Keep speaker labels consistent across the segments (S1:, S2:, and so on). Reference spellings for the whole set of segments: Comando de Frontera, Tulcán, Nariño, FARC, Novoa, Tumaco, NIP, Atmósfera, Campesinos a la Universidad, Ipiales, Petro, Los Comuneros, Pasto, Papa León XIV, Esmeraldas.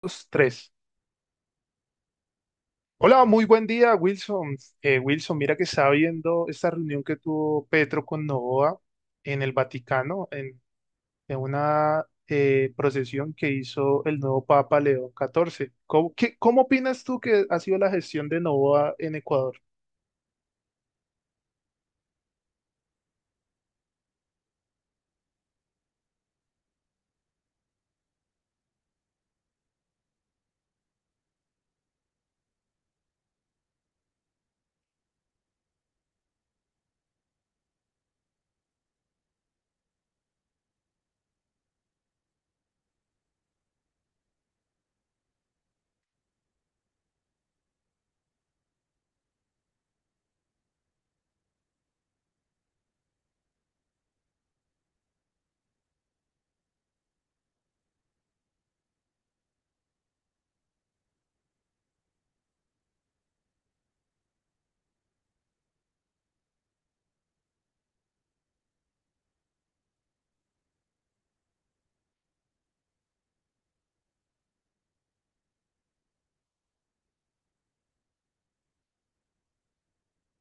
S1: Dos, tres. Hola, muy buen día, Wilson. Wilson, mira que estaba viendo esta reunión que tuvo Petro con Novoa en el Vaticano, en una procesión que hizo el nuevo Papa León XIV. ¿Cómo, qué- cómo opinas tú que ha sido la gestión de Novoa en Ecuador?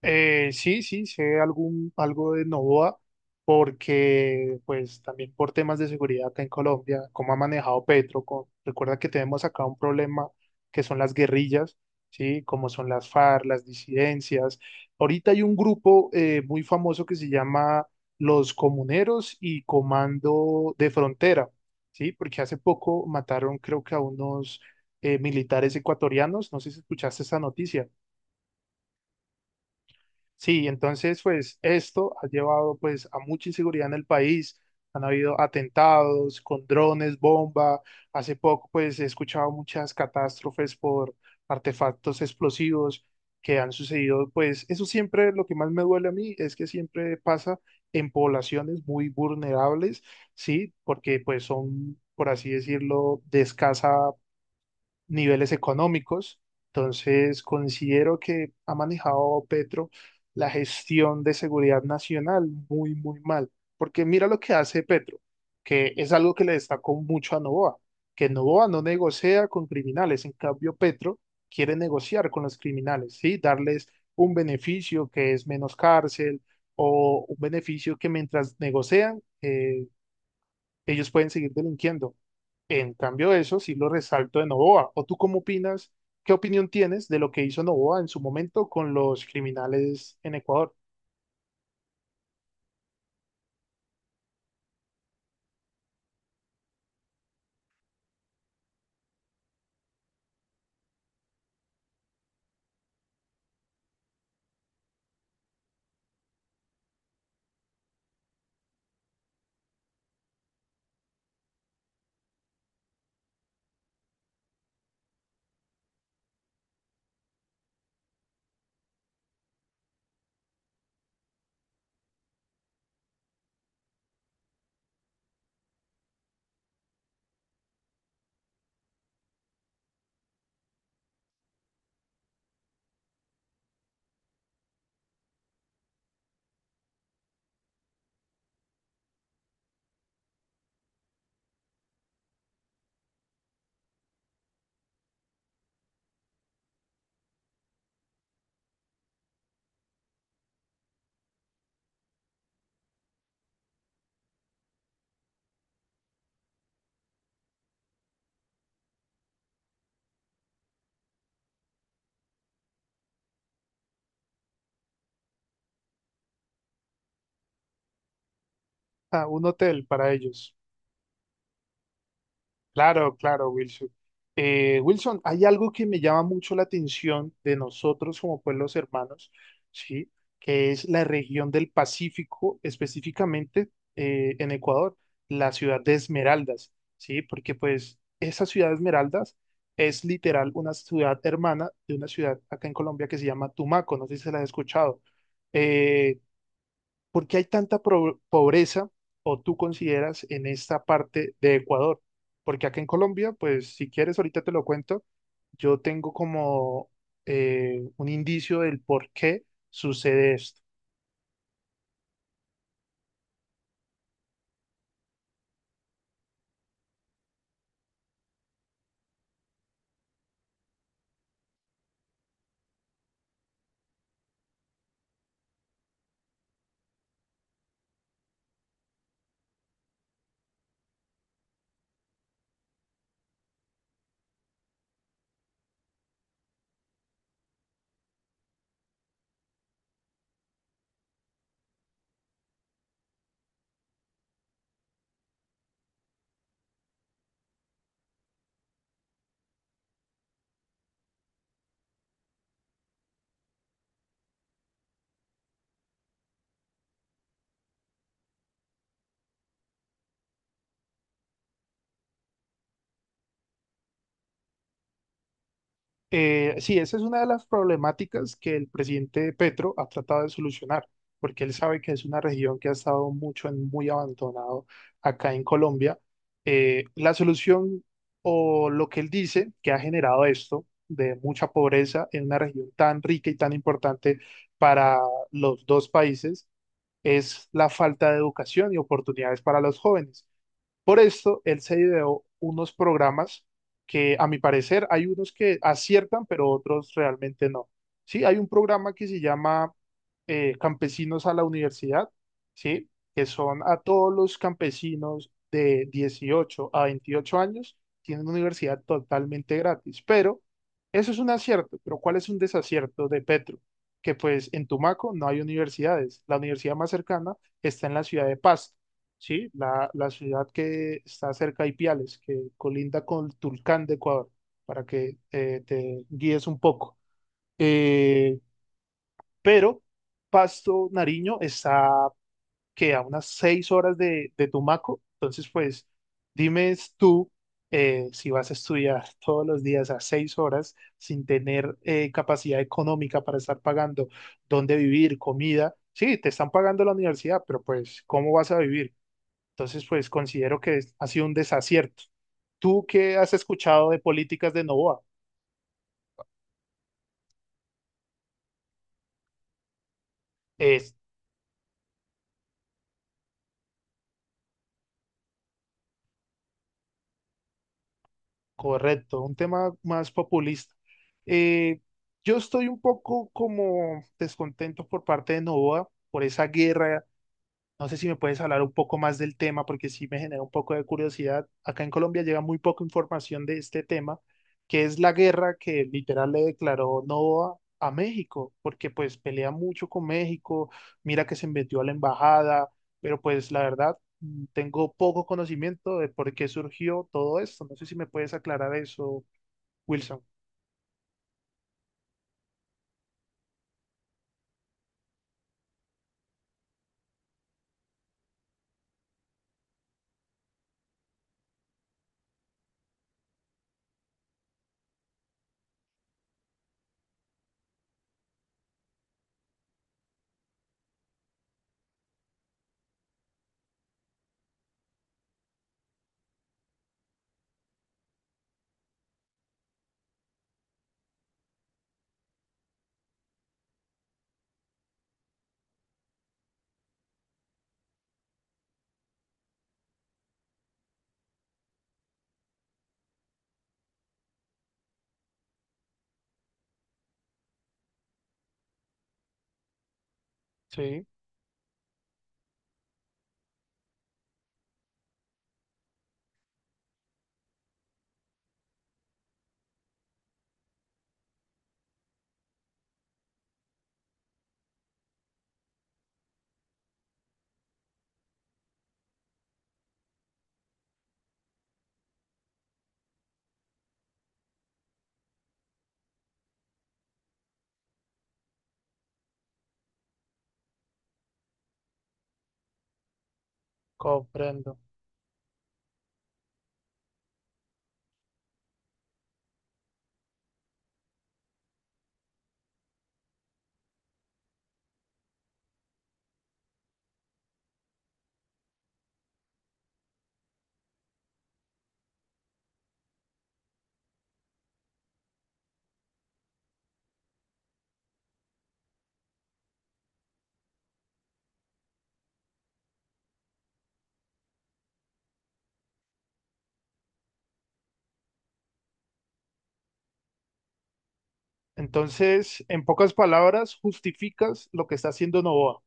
S1: Sí, sé algún, algo de Novoa, porque pues también por temas de seguridad acá en Colombia, cómo ha manejado Petro, con- recuerda que tenemos acá un problema que son las guerrillas, ¿sí? Como son las FARC, las disidencias. Ahorita hay un grupo muy famoso que se llama Los Comuneros y Comando de Frontera, ¿sí? Porque hace poco mataron creo que a unos militares ecuatorianos, no sé si escuchaste esa noticia. Sí, entonces pues esto ha llevado pues a mucha inseguridad en el país. Han habido atentados con drones, bomba. Hace poco pues he escuchado muchas catástrofes por artefactos explosivos que han sucedido. Pues eso siempre lo que más me duele a mí es que siempre pasa en poblaciones muy vulnerables, ¿sí? Porque pues son, por así decirlo, de escasa niveles económicos. Entonces, considero que ha manejado Petro la gestión de seguridad nacional muy, muy mal. Porque mira lo que hace Petro, que es algo que le destacó mucho a Novoa, que Novoa no negocia con criminales, en cambio Petro quiere negociar con los criminales, ¿sí? Darles un beneficio que es menos cárcel o un beneficio que mientras negocian, ellos pueden seguir delinquiendo. En cambio, eso sí lo resalto de Novoa. ¿O tú cómo opinas? ¿Qué opinión tienes de lo que hizo Novoa en su momento con los criminales en Ecuador? Ah, un hotel para ellos. Claro, claro, Wilson. Wilson, hay algo que me llama mucho la atención de nosotros como pueblos hermanos, ¿sí? Que es la región del Pacífico, específicamente en Ecuador, la ciudad de Esmeraldas, ¿sí? Porque pues esa ciudad de Esmeraldas es literal una ciudad hermana de una ciudad acá en Colombia que se llama Tumaco, no sé si se la has escuchado. Eh, ¿Por qué hay tanta pro- pobreza o tú consideras en esta parte de Ecuador? Porque acá en Colombia, pues si quieres, ahorita te lo cuento, yo tengo como un indicio del por qué sucede esto. Sí, esa es una de las problemáticas que el presidente Petro ha tratado de solucionar, porque él sabe que es una región que ha estado mucho en muy abandonado acá en Colombia. La solución o lo que él dice que ha generado esto de mucha pobreza en una región tan rica y tan importante para los dos países es la falta de educación y oportunidades para los jóvenes. Por esto, él se ideó unos programas que, a mi parecer, hay unos que aciertan, pero otros realmente no. Sí, hay un programa que se llama Campesinos a la Universidad, ¿sí? Que son a todos los campesinos de 18 a 28 años, tienen una universidad totalmente gratis. Pero eso es un acierto, pero ¿cuál es un desacierto de Petro? Que pues en Tumaco no hay universidades. La universidad más cercana está en la ciudad de Pasto. Sí, la ciudad que está cerca de Ipiales, que colinda con Tulcán de Ecuador, para que te guíes un poco. Eh, pero Pasto Nariño está que a unas 6 horas de Tumaco, entonces pues dime tú si vas a estudiar todos los días a 6 horas sin tener capacidad económica para estar pagando dónde vivir, comida. Sí, te están pagando la universidad, pero pues ¿cómo vas a vivir? Entonces, pues considero que es- ha sido un desacierto. Tú qué has escuchado de políticas de Novoa, es correcto, un tema más populista. Eh, yo estoy un poco como descontento por parte de Novoa por esa guerra. No sé si me puedes hablar un poco más del tema, porque sí me genera un poco de curiosidad. Acá en Colombia llega muy poca información de este tema, que es la guerra que literal le declaró Novoa a México, porque pues pelea mucho con México, mira que se metió a la embajada, pero pues la verdad tengo poco conocimiento de por qué surgió todo esto. No sé si me puedes aclarar eso, Wilson. Sí, comprendo. Entonces, en pocas palabras, justificas lo que está haciendo Novoa.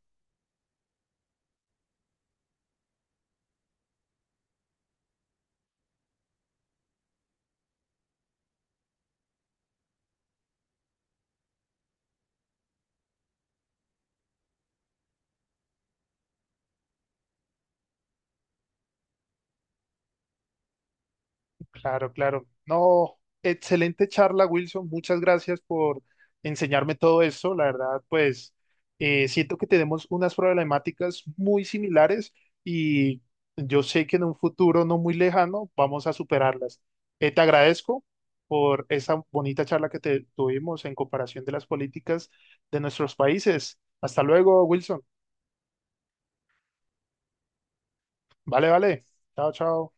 S1: Claro, claro. No, excelente charla, Wilson. Muchas gracias por enseñarme todo esto. La verdad, pues siento que tenemos unas problemáticas muy similares y yo sé que en un futuro no muy lejano vamos a superarlas. Te agradezco por esa bonita charla que te tuvimos en comparación de las políticas de nuestros países. Hasta luego, Wilson. Vale, vale. Chao, chao.